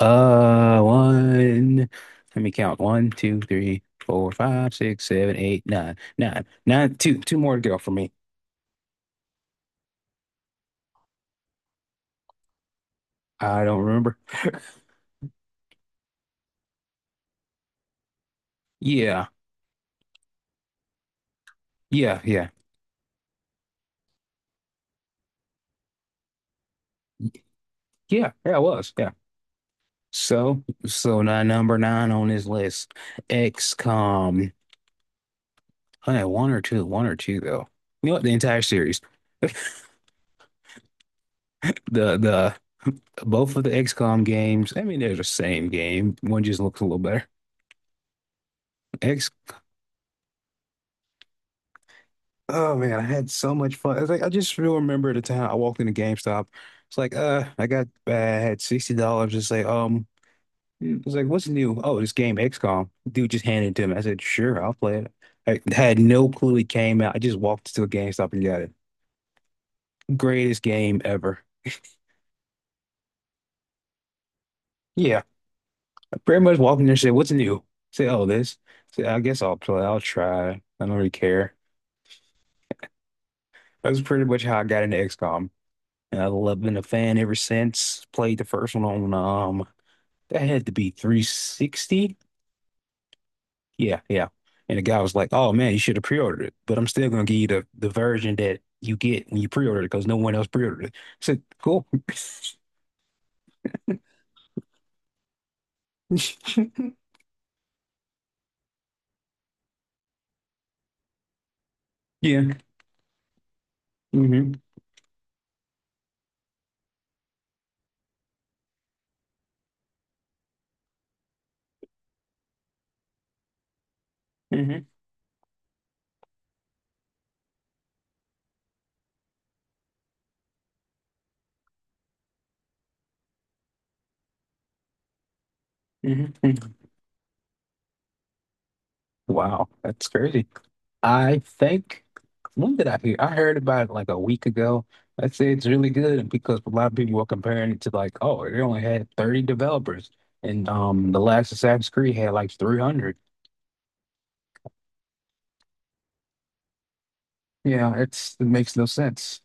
One. Let me count. One, two, three, four, five, six, seven, eight, nine, nine, nine. Two more to go for me. I don't remember. Yeah, yeah, yeah, yeah, yeah. It was. Yeah. So now number nine on this list, XCOM. I had one or two though. You know what? The entire series, the both of the XCOM games. I mean, they're the same game. One just looks a little better. Oh man, I had so much fun. It's like I just still remember the time I walked into GameStop. It's like, I had $60. It's like, Mm. it's like, what's new? Oh, this game XCOM. Dude just handed it to me. I said, sure, I'll play it. I had no clue it came out. I just walked to a GameStop and got it. Greatest game ever. Yeah, I pretty much walked in there and said, what's new? Say, oh, this. Say, I guess I'll play. I'll try. I don't really care. That's pretty much how I got into XCOM. And I've been a fan ever since. Played the first one on. That had to be 360. Yeah, yeah. And the guy was like, "Oh man, you should have pre-ordered it." But I'm still gonna give you the version that you get when you pre-order it because no one else pre-ordered it. I said, "Cool." Yeah. Hmm. Hmm. Hmm. Wow, that's crazy. I think, when did I hear? I heard about it like a week ago. I said it's really good because a lot of people were comparing it to, like, oh, they only had 30 developers, and the last Assassin's Creed had like 300. Yeah, it makes no sense.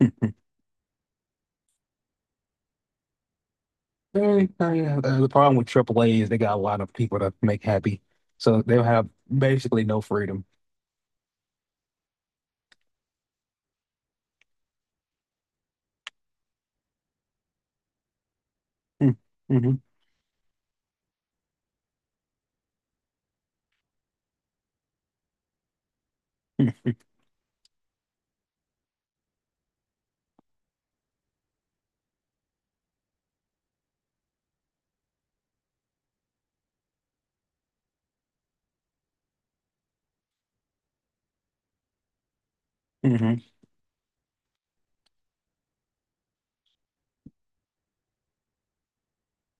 Hmm. Very, very, yeah, the problem with triple A is they got a lot of people to make happy, so they'll have basically no freedom. Hmm. Mhm. Mhm. Mhm.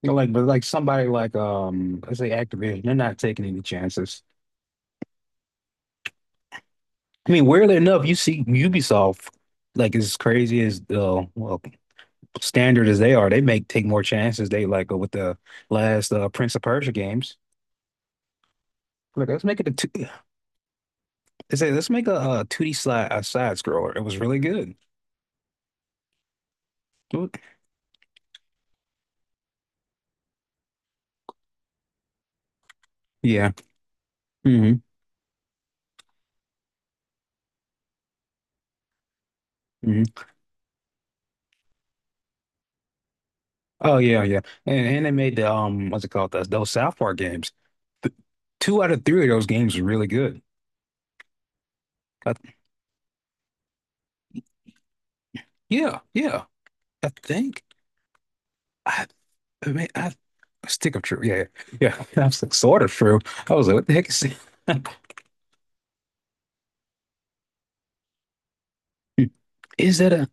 Like, but like somebody like, let's say Activision, they're not taking any chances. I mean, weirdly enough, you see Ubisoft, like as crazy as, well, standard as they are, they make take more chances. They like go with the last, Prince of Persia games. Like let's make it a two. They say let's make a, uh 2D slide a side scroller. It was really good. Oop. Yeah. Hmm. Hmm. Oh yeah, yeah. And they made the, what's it called? Those South Park games. Th- Two out of three of those games were really good. I, yeah, yeah. I think, I I mean I Stick of True. Yeah, yeah. Yeah. That's sort of true. I was like, what the heck is that? Is that a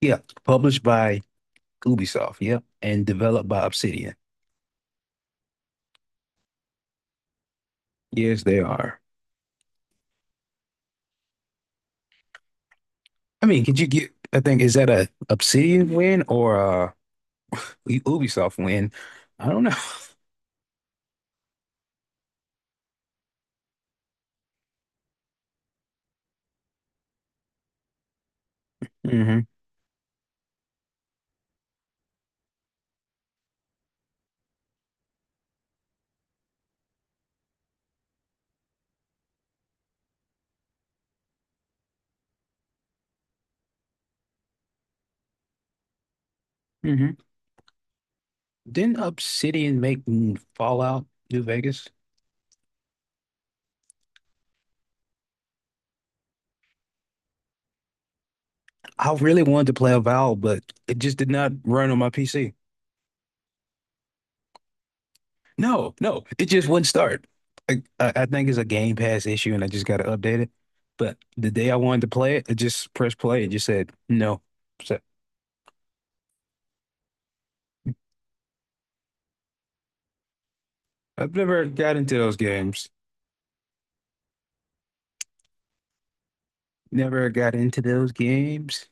Yeah, published by Ubisoft, yep, and developed by Obsidian. Yes, they are. I mean, could you get I think, is that a Obsidian win or a Ubisoft win? I don't know. Hmm. Hmm. Didn't Obsidian make, Fallout New Vegas? I really wanted to play a Valve, but it just did not run on my PC. No, no, it just wouldn't start. I think it's a Game Pass issue, and I just got to update it. But the day I wanted to play it, I just pressed play and just said no. So I've never got into those games. Never got into those games.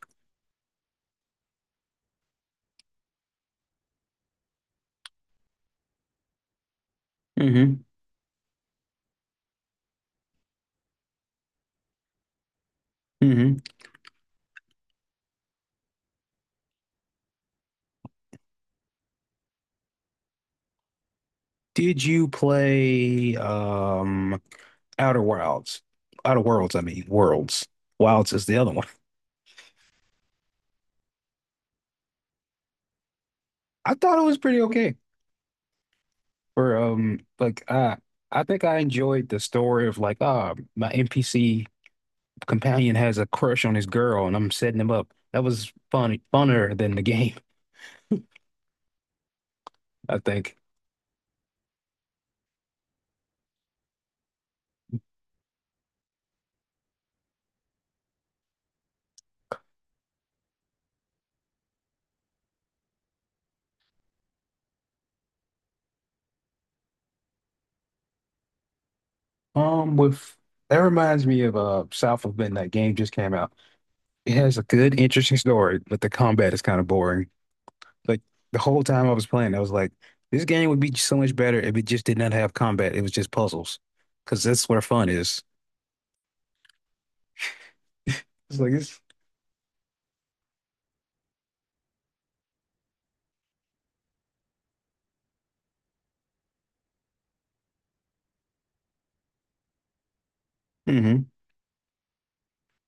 Hmm. Hmm. Did you play? Outer Wilds. Outer Worlds, I mean, Worlds. Wilds is the other one. I thought it was pretty okay for, like, I think I enjoyed the story of, like, my NPC companion has a crush on his girl and I'm setting him up. That was funner than the game, I think. With that reminds me of South of Midnight game just came out. It has a good, interesting story, but the combat is kind of boring. Like, the whole time I was playing, I was like, this game would be so much better if it just did not have combat. It was just puzzles, because that's where fun is. It's like it's Mm-hmm,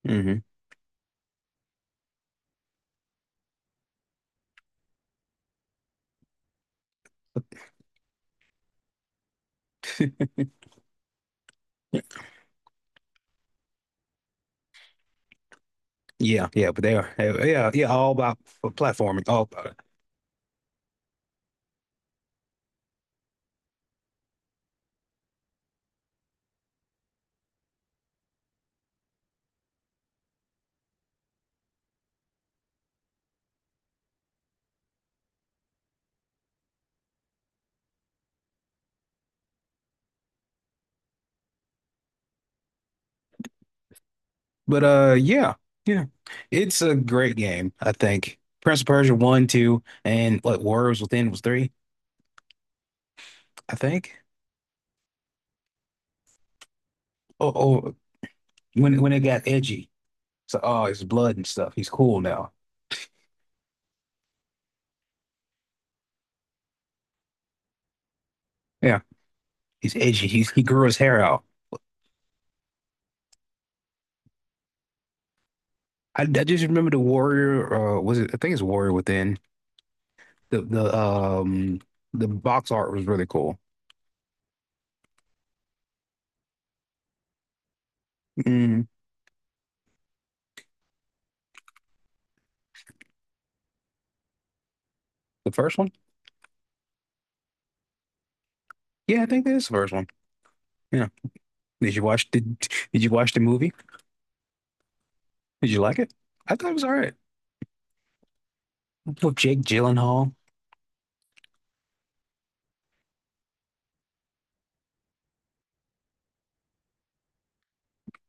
mm-hmm. Yeah, yeah, but they are, yeah, yeah, all about platforming. All But, yeah, yeah. It's a great game, I think. Prince of Persia one, two, and, what, Worlds Within was three, I think. Oh, oh, when it got edgy. So, oh, it's blood and stuff. He's cool now. Yeah. He's edgy. He grew his hair out. I just remember the Warrior, was it, I think it's Warrior Within. The the um the box art was really cool. Mm, the first one? Yeah, I think that is the first one. Yeah. Did you watch the movie? Did you like it? I thought it was all right. Oh, Jake Gyllenhaal.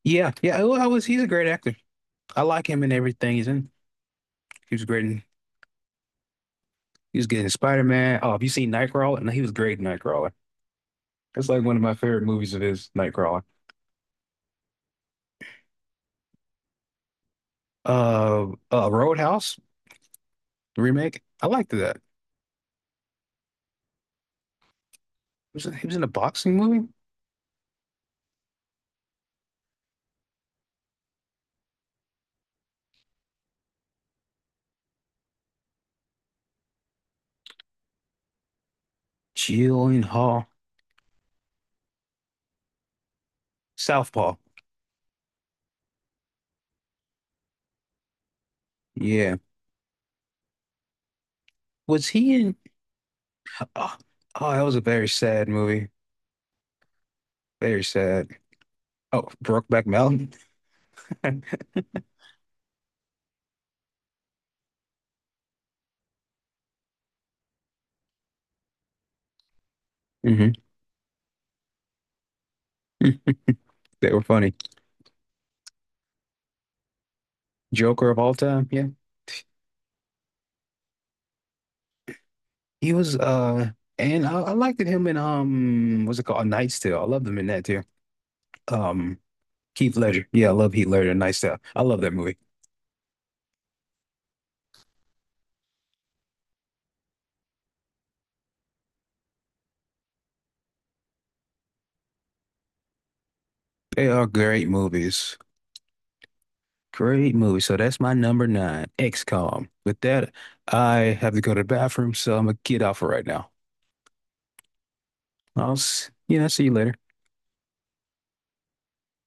Yeah, yeah. Well, I was. He's a great actor. I like him in everything he's in. He was great in. He was good in Spider-Man. Oh, have you seen Nightcrawler? No, he was great in Nightcrawler. That's like one of my favorite movies of his, Nightcrawler. Roadhouse the remake. I liked that. He was in a boxing movie? Gyllenhaal, Southpaw. Yeah. Was he in? Oh, oh, that was a very sad movie. Very sad. Oh, Brokeback Mountain. Hmm. They were funny. Joker of all time. Yeah. He was, and I liked it him in, what's it called? A Knight's Tale. I loved him in that too. Um Heath Ledger. Yeah, I love Heath Ledger, Knight's Tale. I love that movie. They are great movies. Great movie. So that's my number nine, XCOM. With that, I have to go to the bathroom, so I'm gonna get off for right now. I'll, yeah, see you later.